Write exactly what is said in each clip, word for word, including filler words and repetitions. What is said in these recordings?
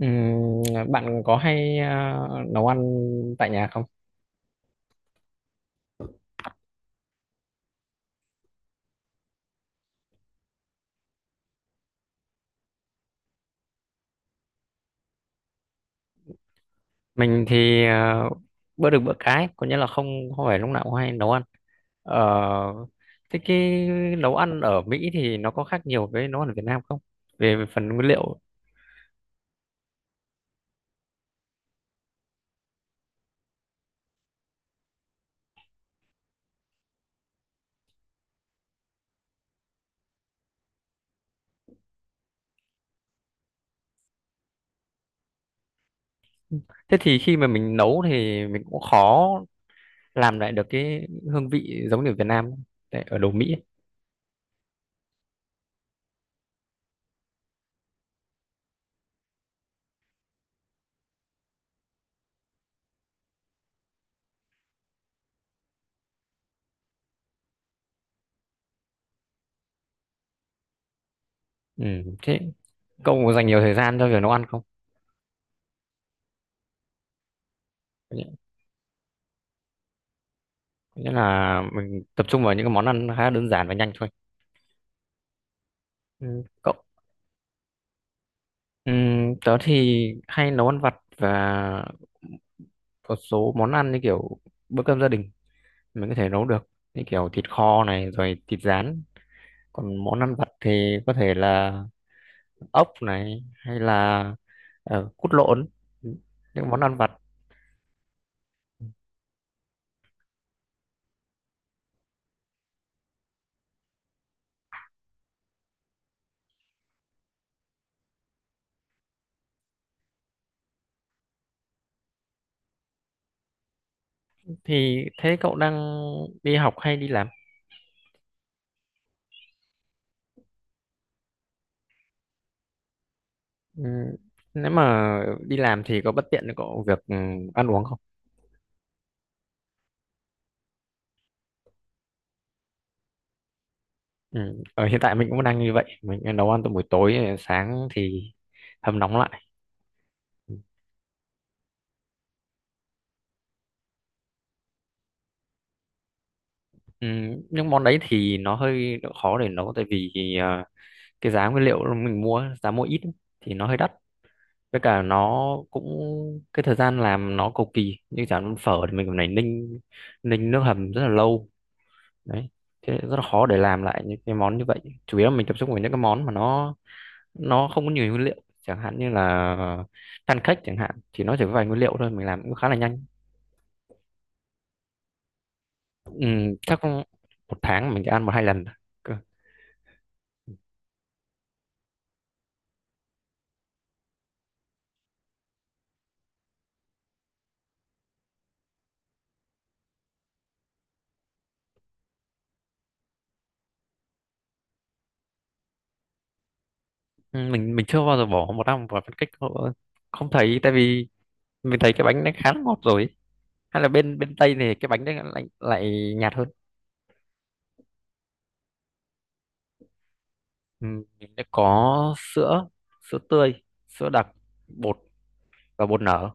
Ừm, Bạn có hay à, nấu ăn tại nhà không? Mình thì à, bữa được bữa cái, có nghĩa là không không phải lúc nào cũng hay nấu ăn. Ờ, Thế cái nấu ăn ở Mỹ thì nó có khác nhiều với nấu ăn ở Việt Nam không? Về, về phần nguyên liệu. Thế thì khi mà mình nấu thì mình cũng khó làm lại được cái hương vị giống như ở Việt Nam tại ở đồ Mỹ ấy. Ừm, thế cậu có dành nhiều thời gian cho việc nấu ăn không? Có nghĩa có nghĩa là mình tập trung vào những cái món ăn khá đơn giản và nhanh thôi. Ừ, cậu Ừm, tớ thì hay nấu ăn vặt và một số món ăn như kiểu bữa cơm gia đình mình có thể nấu được, như kiểu thịt kho này rồi thịt rán, còn món ăn vặt thì có thể là ốc này hay là ờ, cút lộn, những món ăn vặt. Thì thế cậu đang đi học hay đi làm? Ừm, Nếu mà đi làm thì có bất tiện cho cậu việc ừm, ăn uống không? Ừm, ở hiện tại mình cũng đang như vậy, mình nấu ăn từ buổi tối, ờ, sáng thì hâm nóng lại. Ừ, nhưng món đấy thì nó hơi khó để nấu tại vì à, cái giá nguyên liệu mình mua, giá mua ít ấy, thì nó hơi đắt. Với cả nó cũng cái thời gian làm nó cầu kỳ, như chả món phở thì mình còn phải ninh ninh nước hầm rất là lâu đấy. Thế rất là khó để làm lại những cái món như vậy, chủ yếu là mình tập trung vào những cái món mà nó nó không có nhiều nguyên liệu, chẳng hạn như là pancake, chẳng hạn thì nó chỉ có vài nguyên liệu thôi, mình làm cũng khá là nhanh. Ừ, chắc một tháng mình chỉ ăn một hai lần. Ừ, mình mình chưa bao giờ bỏ một năm vào phân cách hộ- không thấy, tại vì mình thấy cái bánh nó khá là ngọt rồi, hay là bên bên Tây này cái bánh nó lại lại nhạt hơn. Ừ, mình đã có sữa sữa tươi, sữa đặc, bột và bột nở,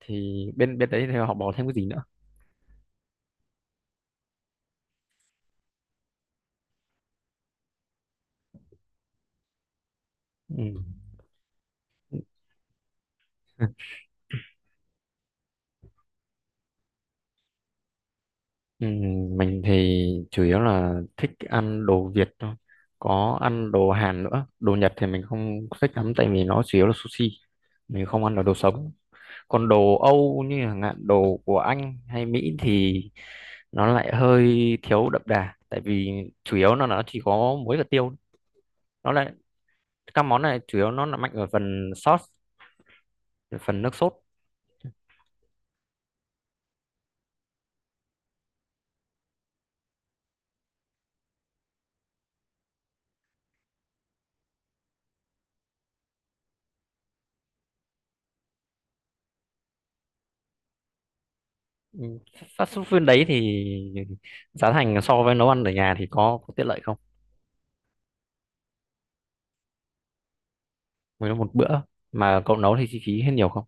thì bên bên đấy thì họ bỏ thêm cái gì nữa? Ừ. Ừ, mình thì chủ yếu là thích ăn đồ Việt thôi, có ăn đồ Hàn nữa. Đồ Nhật thì mình không thích lắm tại vì nó chủ yếu là sushi, mình không ăn được đồ sống. Còn đồ Âu như chẳng hạn đồ của Anh hay Mỹ thì nó lại hơi thiếu đậm đà, tại vì chủ yếu nó nó chỉ có muối và tiêu, nó lại các món này chủ yếu nó là mạnh ở phần sauce, phần nước sốt. Ừ, fast food bên đấy thì giá thành so với nấu ăn ở nhà thì có, có tiện lợi không? Với một bữa mà cậu nấu thì chi phí hết nhiều không?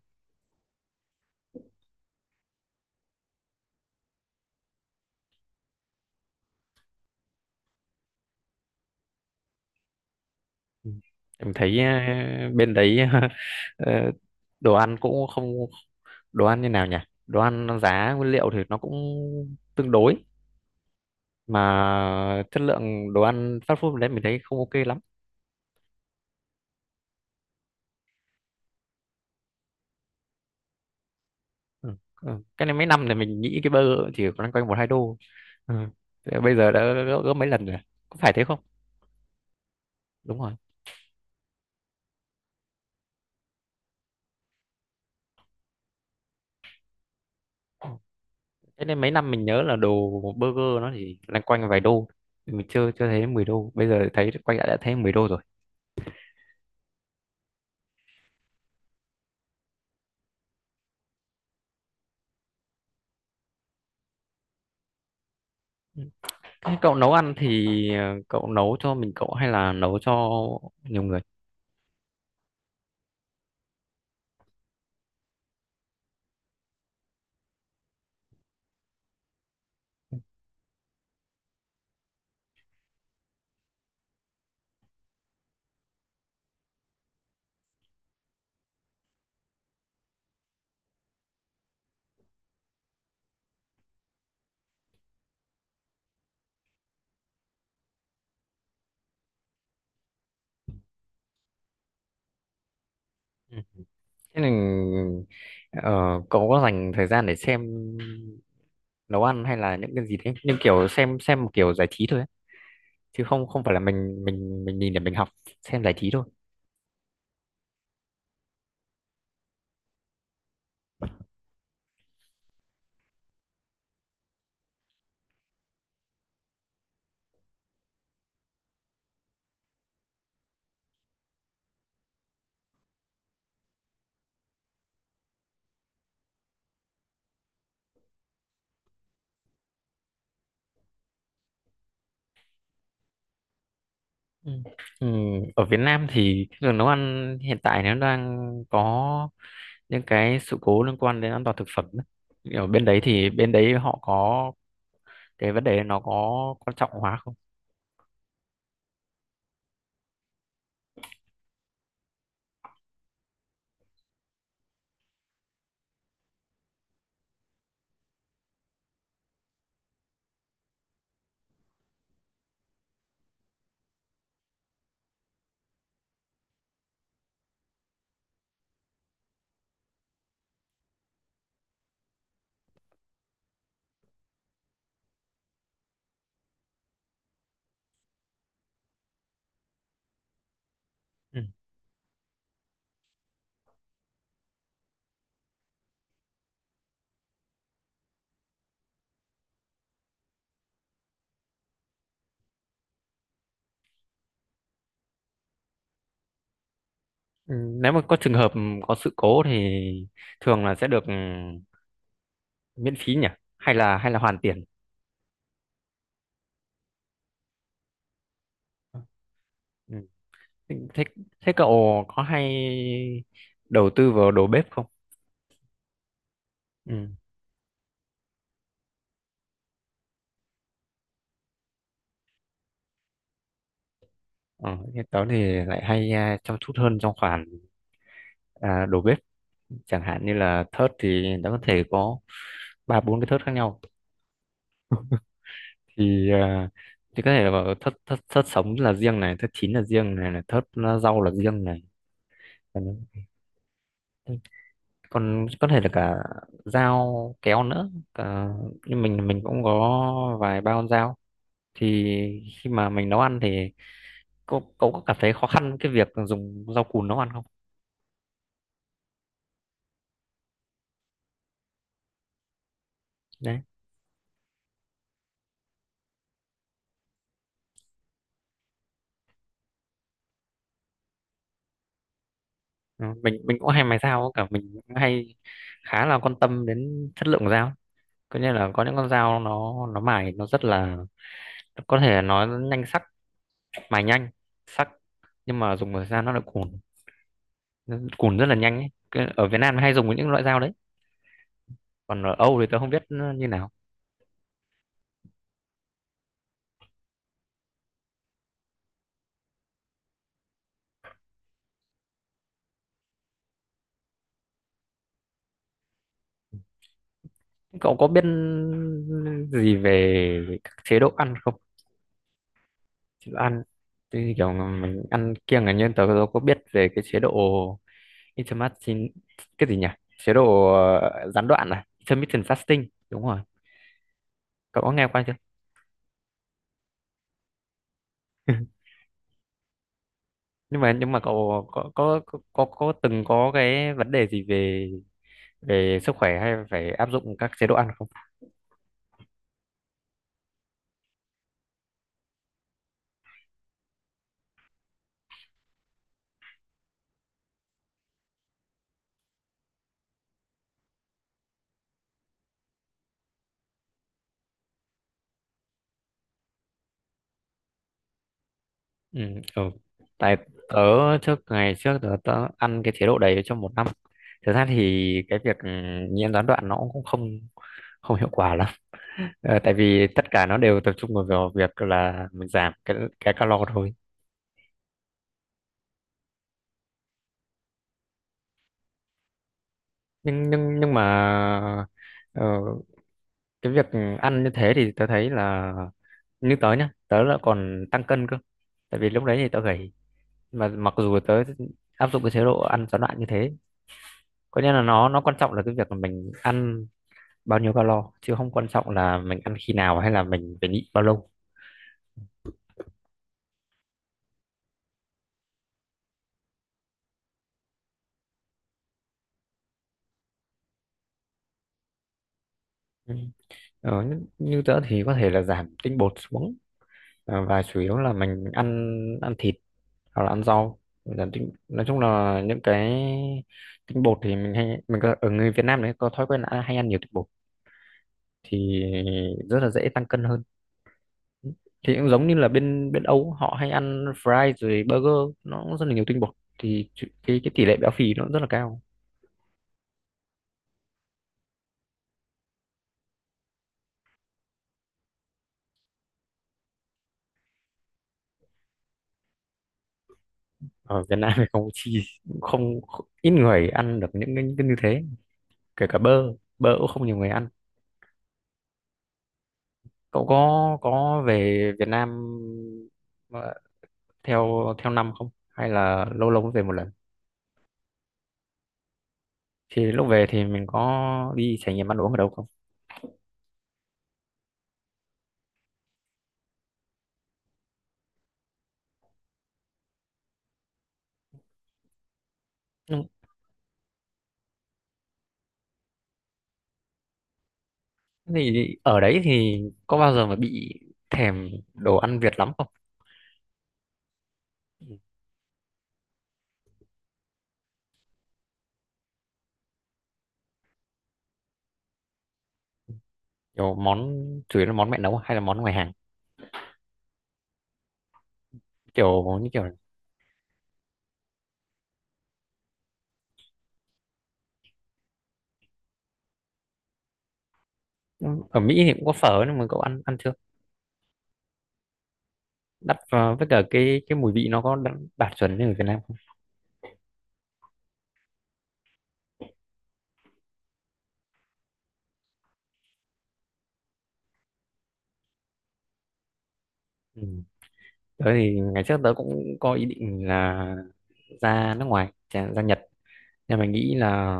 Ừ. Em thấy à, bên đấy ờ, đồ ăn cũng không đồ ăn như nào nhỉ? Đồ ăn, nó giá nguyên liệu thì nó cũng tương đối, mà chất lượng đồ ăn fast food đấy mình thấy không ok lắm. Ừ. Ừ. Cái này mấy năm thì mình nghĩ cái burger chỉ loanh quanh một hai đô. Ừ. Thế bây giờ đã gấp, gấp mấy lần rồi. Có phải thế không? Đúng rồi. Ừ. Thế nên mấy năm mình nhớ là đồ burger nó chỉ loanh quanh vài đô. Mình chưa chưa thấy mười đô. Bây giờ thấy quay lại đã thấy mười đô rồi. Thế cậu nấu ăn thì ờ, cậu nấu cho mình cậu hay là nấu cho nhiều người? Ừ. Thế nên ờ, cậu có dành thời gian để xem nấu ăn hay là những cái gì thế? Nhưng kiểu xem xem một kiểu giải trí thôi ấy. Chứ không không phải là mình mình mình nhìn để mình học, xem giải trí thôi. Ừ. Ừ. Ở Việt Nam thì cái đường nấu ăn hiện tại nó đang có những cái sự cố liên quan đến an toàn thực phẩm ấy. Ở bên đấy thì bên đấy họ có cái vấn đề nó có quan trọng hóa không? Ừ. Ừ, nếu mà có trường hợp có sự cố thì thường là sẽ được ừ, miễn phí nhỉ? Hay là hay là hoàn tiền? Ừ. Thế, thế cậu có hay đầu tư vào đồ bếp không? Ừ. Ờ, Thế tớ thì lại hay à, chăm chút hơn trong khoản à, đồ bếp. Chẳng hạn như là thớt thì nó có thể có ba bốn cái thớt khác nhau. Thì à, thì có thể là bảo thớt thớt thớt sống là riêng này, thớt chín là riêng này, là thớt rau là riêng này. Còn có thể là cả dao kéo nữa cả, nhưng mình mình cũng có vài ba con dao. Thì khi mà mình nấu ăn thì cậu cậu có cảm thấy khó khăn cái việc dùng dao cùn nấu ăn không? Đấy. Ừ, mình mình cũng hay mài dao cả, mình cũng hay khá là quan tâm đến chất lượng của dao, có nghĩa là có những con dao nó nó mài nó rất là có thể nó nhanh sắc, mài nhanh, sắc, nhưng mà dùng một thời gian nó lại cùn, nó cùn rất là nhanh ấy. Cái- ở Việt Nam hay dùng những loại dao đấy, còn ở Âu thì tôi không biết như nào. Cậu có biết gì về, về các chế độ ăn không? Chế độ ăn thì kiểu mình ăn kiêng là nhân, tớ tớ có biết về cái chế độ intermittent, cái gì nhỉ, chế độ ờ, gián đoạn, à, intermittent fasting, đúng rồi. Cậu có nghe qua chưa? nhưng mà nhưng mà cậu có có có có, có từng có cái vấn đề gì về về sức khỏe hay phải áp dụng các chế độ ăn không? Ừ, ừ. Tại tớ trước ngày trước tớ, tớ ăn cái chế độ đấy trong một năm. Thực ra thì cái việc ừ, nhiễm gián đoạn nó cũng không không hiệu quả lắm. Ờ, tại vì tất cả nó đều tập trung vào việc là mình giảm cái cái calo thôi. Nhưng nhưng nhưng mà ờ, cái việc ăn như thế thì tớ thấy là, như tớ nhá, tớ là còn tăng cân cơ. Tại vì lúc đấy thì tớ gầy, mà mặc dù tớ áp dụng cái chế độ ăn gián đoạn như thế, có nghĩa là nó nó quan trọng là cái việc là mình ăn bao nhiêu calo, chứ không quan trọng là mình ăn khi nào hay là mình phải nhịn bao lâu. Ừ. ờ, như như tớ thì có thể là giảm tinh bột xuống, ờ, và chủ yếu là mình ăn ăn thịt hoặc là ăn rau, giảm tinh nói chung là những cái tinh bột thì mình hay mình có, ở người Việt Nam đấy có thói quen là hay ăn nhiều tinh bột, thì rất là dễ tăng cân hơn. Thì cũng giống như là bên bên Âu họ hay ăn fry rồi burger, nó cũng rất là nhiều tinh bột, thì cái cái tỷ lệ béo phì nó cũng rất là cao. Ở Việt Nam thì không chi không ít người ăn được những cái, những cái như thế, kể cả bơ. Bơ cũng không nhiều người ăn. Cậu có có về Việt Nam ờ, theo theo năm không, hay là lâu lâu mới về một lần? Thì lúc về thì mình có đi trải nghiệm ăn uống ở đâu không? Ừ, thì ở đấy thì có bao giờ mà bị thèm đồ ăn Việt lắm không? Ừ, kiểu món chủ yếu là món mẹ nấu hay là món ngoài hàng, kiểu như kiểu ở Mỹ thì cũng có phở nhưng mà cậu ăn ăn chưa? Đắt vào, với cả cái cái mùi vị nó có đạt, đạt chuẩn như ở Việt Nam không? Ừ. Tớ thì ngày trước tớ cũng có ý định là ra nước ngoài, chà- ra Nhật. Nhưng mà nghĩ là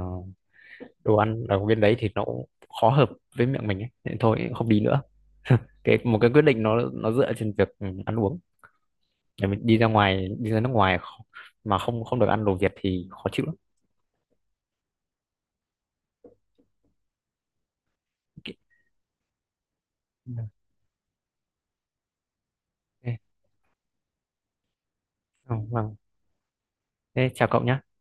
đồ ăn ở bên đấy thì nó cũng khó hợp với miệng mình ấy. Thế thôi không đi nữa. Cái một cái quyết định, nó nó dựa trên việc ừ, ăn uống. Để mình đi ra ngoài, đi ra nước ngoài kh- mà không không được ăn đồ Việt thì khó chịu lắm. Ok. Ừ. Ừ, vâng. Thế chào cậu nhé.